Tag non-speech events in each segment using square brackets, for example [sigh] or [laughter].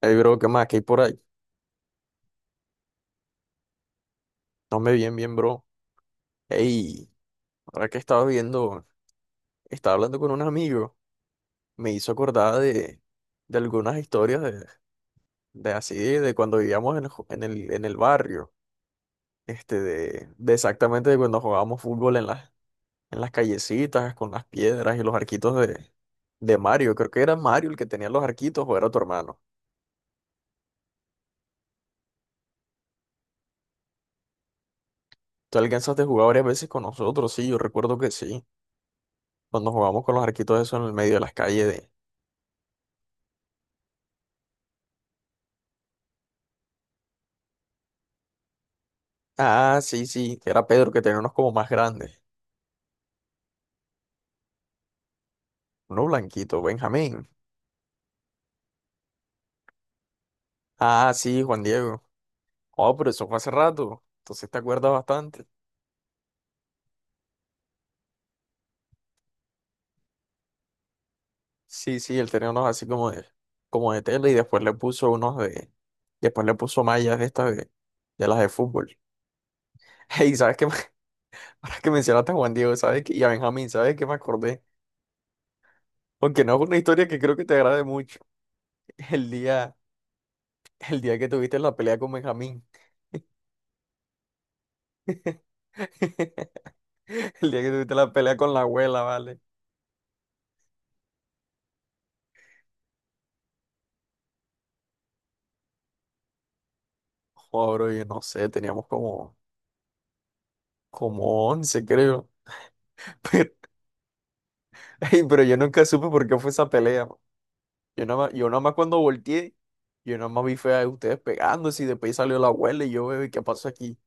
Ey, bro, ¿qué más? ¿Qué hay por ahí? No me bien, bien, bro. Ey, ahora que estaba viendo, estaba hablando con un amigo, me hizo acordar de algunas historias de así, de cuando vivíamos en, el ju- en el barrio, de exactamente de cuando jugábamos fútbol en las callecitas, con las piedras y los arquitos de Mario. Creo que era Mario el que tenía los arquitos o era tu hermano. Tú alcanzaste a jugar varias veces con nosotros, sí, yo recuerdo que sí, cuando jugábamos con los arquitos eso en el medio de las calles. Ah, sí, sí, que era Pedro, que tenía unos como más grandes. Uno blanquito, Benjamín. Ah, sí, Juan Diego. Oh, pero eso fue hace rato. Entonces te acuerdas bastante. Sí, sí, él tenía unos así como de tela y después le puso unos de, después le puso mallas de estas de las de fútbol. [laughs] Hey, ¿sabes qué? [laughs] Ahora que mencionaste a Juan Diego, ¿sabes qué? Y a Benjamín, ¿sabes qué me acordé? Aunque no es una historia que creo que te agrade mucho. [laughs] El día, el día que tuviste la pelea con Benjamín. [laughs] El día que tuviste la pelea con la abuela, ¿vale? Joder, bro, yo no sé, teníamos como 11 creo. [laughs] Pero, ey, pero yo nunca supe por qué fue esa pelea. Man. Yo nada más cuando volteé, yo nada más vi fue a ustedes pegándose y después salió la abuela y yo, bebé, ¿qué pasó aquí?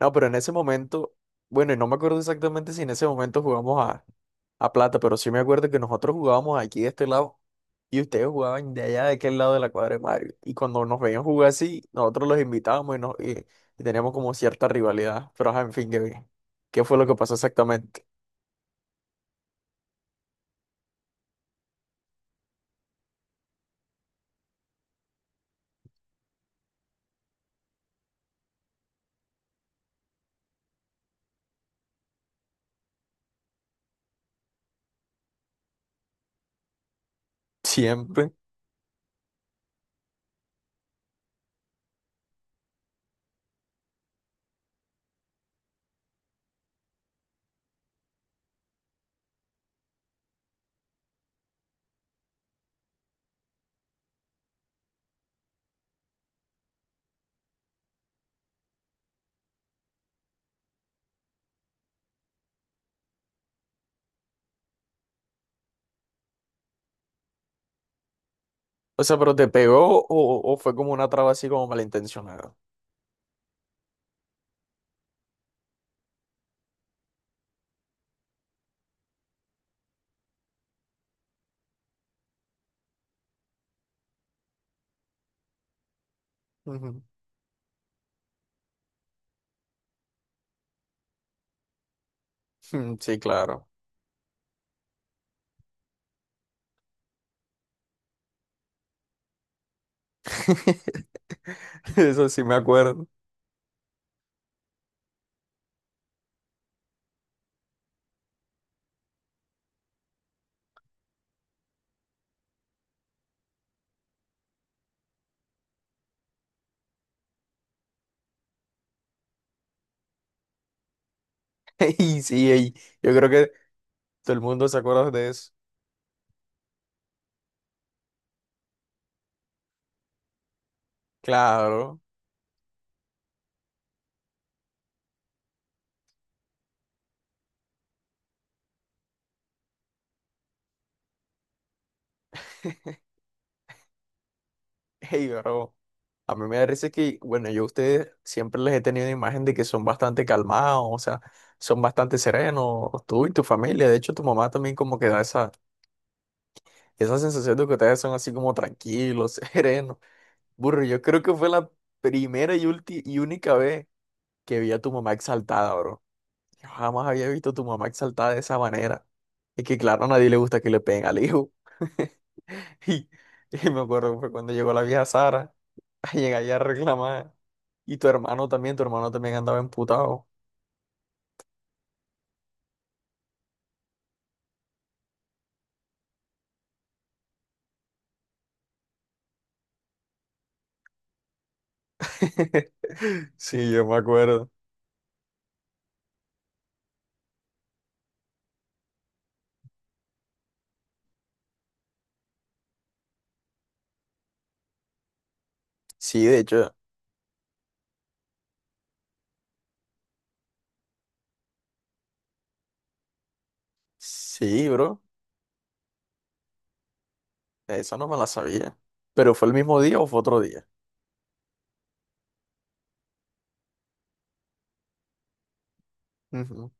No, pero en ese momento, bueno, y no me acuerdo exactamente si en ese momento jugamos a plata, pero sí me acuerdo que nosotros jugábamos aquí de este lado. Y ustedes jugaban de allá, de aquel lado de la cuadra de Mario. Y cuando nos veían jugar así, nosotros los invitábamos y teníamos como cierta rivalidad. Pero, ajá, en fin, ¿qué, fue lo que pasó exactamente? [laughs] Siempre. O sea, ¿pero te pegó o fue como una traba así como malintencionada? Ujú. [laughs] Mm, sí, claro. [laughs] Eso sí me acuerdo. [laughs] Y sí, ey, yo creo que todo el mundo se acuerda de eso. Claro. Hey, bro. A mí me da risa que, bueno, yo a ustedes siempre les he tenido una imagen de que son bastante calmados, o sea, son bastante serenos, tú y tu familia. De hecho, tu mamá también como que da esa sensación de que ustedes son así como tranquilos, [laughs] serenos. Burro, yo creo que fue la primera y única vez que vi a tu mamá exaltada, bro. Yo jamás había visto a tu mamá exaltada de esa manera. Es que, claro, a nadie le gusta que le peguen al hijo. [laughs] Y, y me acuerdo que fue cuando llegó la vieja Sara [laughs] a llegar allá a reclamar. Y tu hermano también andaba emputado. [laughs] Sí, yo me acuerdo. Sí, de hecho, sí, bro, esa no me la sabía. ¿Pero fue el mismo día o fue otro día? Ujú.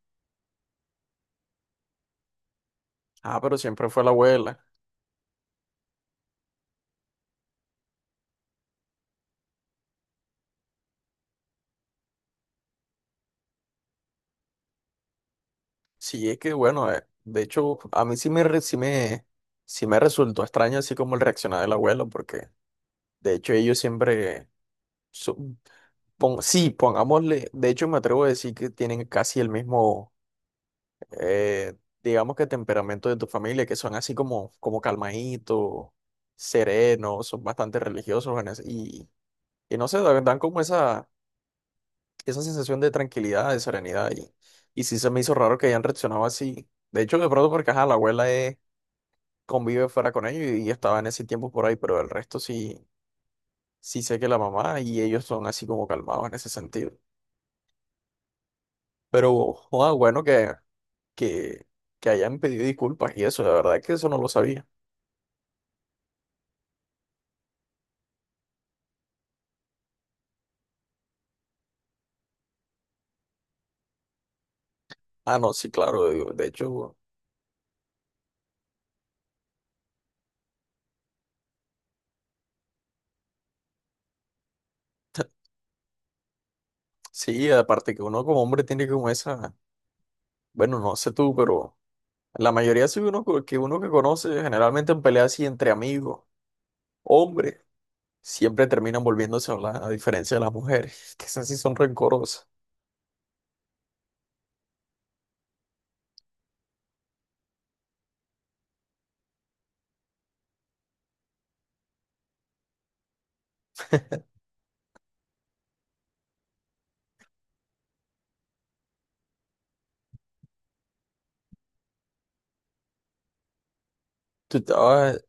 Ah, pero siempre fue la abuela. Sí, es que bueno, de hecho, a mí sí me, re- sí me resultó extraño así como el reaccionar del abuelo, porque de hecho ellos siempre, su- sí, pongámosle, de hecho me atrevo a decir que tienen casi el mismo eh, digamos que temperamento de tu familia, que son así como calmaditos, serenos, son bastante religiosos y no sé, dan como esa sensación de tranquilidad, de serenidad. Y sí se me hizo raro que hayan reaccionado así. De hecho, de pronto porque ajá, la abuela convive fuera con ellos y estaba en ese tiempo por ahí, pero el resto sí, sí sé que la mamá y ellos son así como calmados en ese sentido. Pero joda, bueno que, que, que hayan pedido disculpas y eso, la verdad es que eso no lo sabía. Ah, no, sí, claro, digo, de hecho, sí, aparte que uno como hombre tiene como esa, bueno, no sé tú, pero la mayoría sí que uno que conoce, generalmente en peleas así entre amigos, hombres, siempre terminan volviéndose a hablar, a diferencia de las mujeres, [laughs] que esas sí son rencorosas. Tú estabas,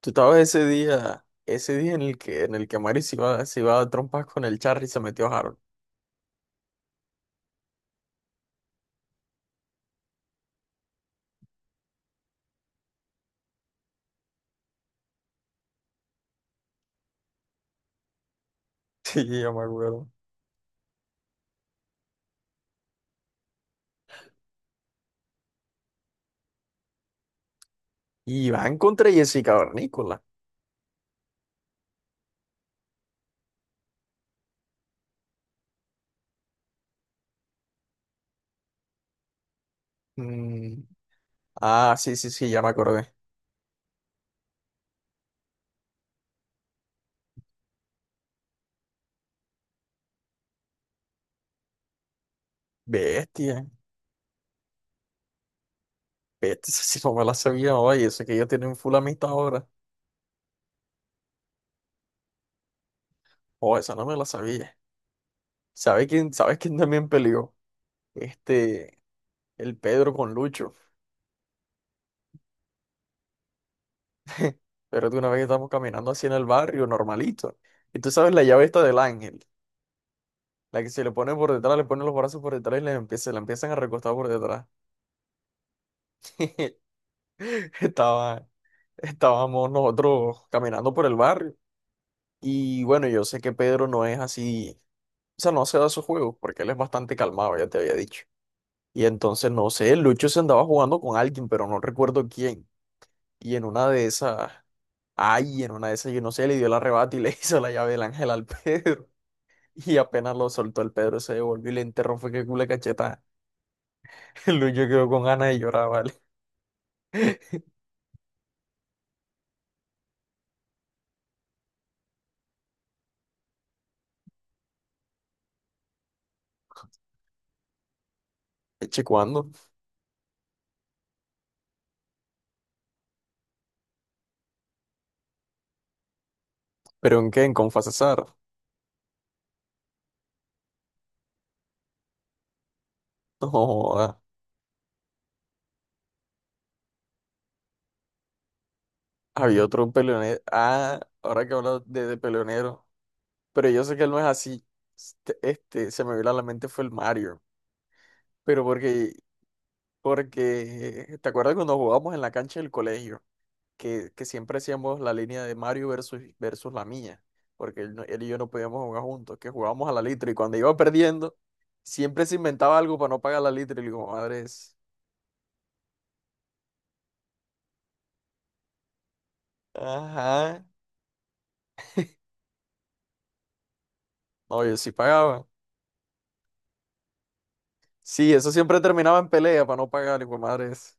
tú estabas, ese día en el que Mari se iba a trompas con el Charry y se metió a Harold. [laughs] Sí, ya me acuerdo. Y van contra Jessica Barnícola. Mm. Ah, sí, sí, sí, ya me acordé. Bestia. Si no me la sabía, oye, eso que ella tiene un full amistad ahora. Oh, esa no me la sabía. Sabes quién también peleó? Este, el Pedro con Lucho. [laughs] Pero de una vez estamos caminando así en el barrio, normalito. Y tú sabes la llave esta del ángel. La que se le pone por detrás, le pone los brazos por detrás y le empieza, se la empiezan a recostar por detrás. [laughs] Estaba, estábamos nosotros caminando por el barrio. Y bueno, yo sé que Pedro no es así, o sea, no se da sus juegos porque él es bastante calmado, ya te había dicho. Y entonces, no sé, Lucho se andaba jugando con alguien, pero no recuerdo quién. Y en una de esas, ay, en una de esas, yo no sé, le dio el arrebato y le [laughs] hizo la llave del ángel al Pedro. Y apenas lo soltó el Pedro, se devolvió y le enterró, fue que culo de cachetada. [laughs] El Lucho quedó con ganas de llorar, ¿vale? [laughs] Eche, ¿cuándo? ¿Pero en qué? ¿En Confa Cesar? [laughs] No, joda. Había otro peleonero. Ah, ahora que hablo de peleonero. Pero yo sé que él no es así. Se me vino a la mente fue el Mario. Pero porque ¿te acuerdas cuando jugábamos en la cancha del colegio? Que siempre hacíamos la línea de Mario versus, versus la mía. Porque él y yo no podíamos jugar juntos, que jugábamos a la litra. Y cuando iba perdiendo, siempre se inventaba algo para no pagar la litra. Y le digo, madres. Ajá. No, yo sí pagaba. Sí, eso siempre terminaba en pelea para no pagar. Y digo, madres,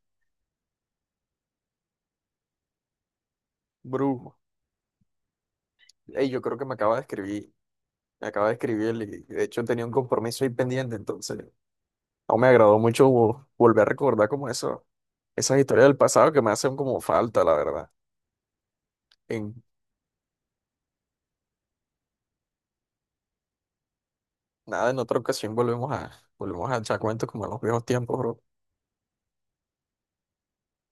brujo. Ey, yo creo que me acaba de escribir. Me acaba de escribir él y de hecho tenía un compromiso ahí pendiente. Entonces, no me agradó mucho volver a recordar como eso. Esas historias del pasado que me hacen como falta, la verdad. En nada, en otra ocasión volvemos a, volvemos a echar cuentos como en los viejos tiempos, bro.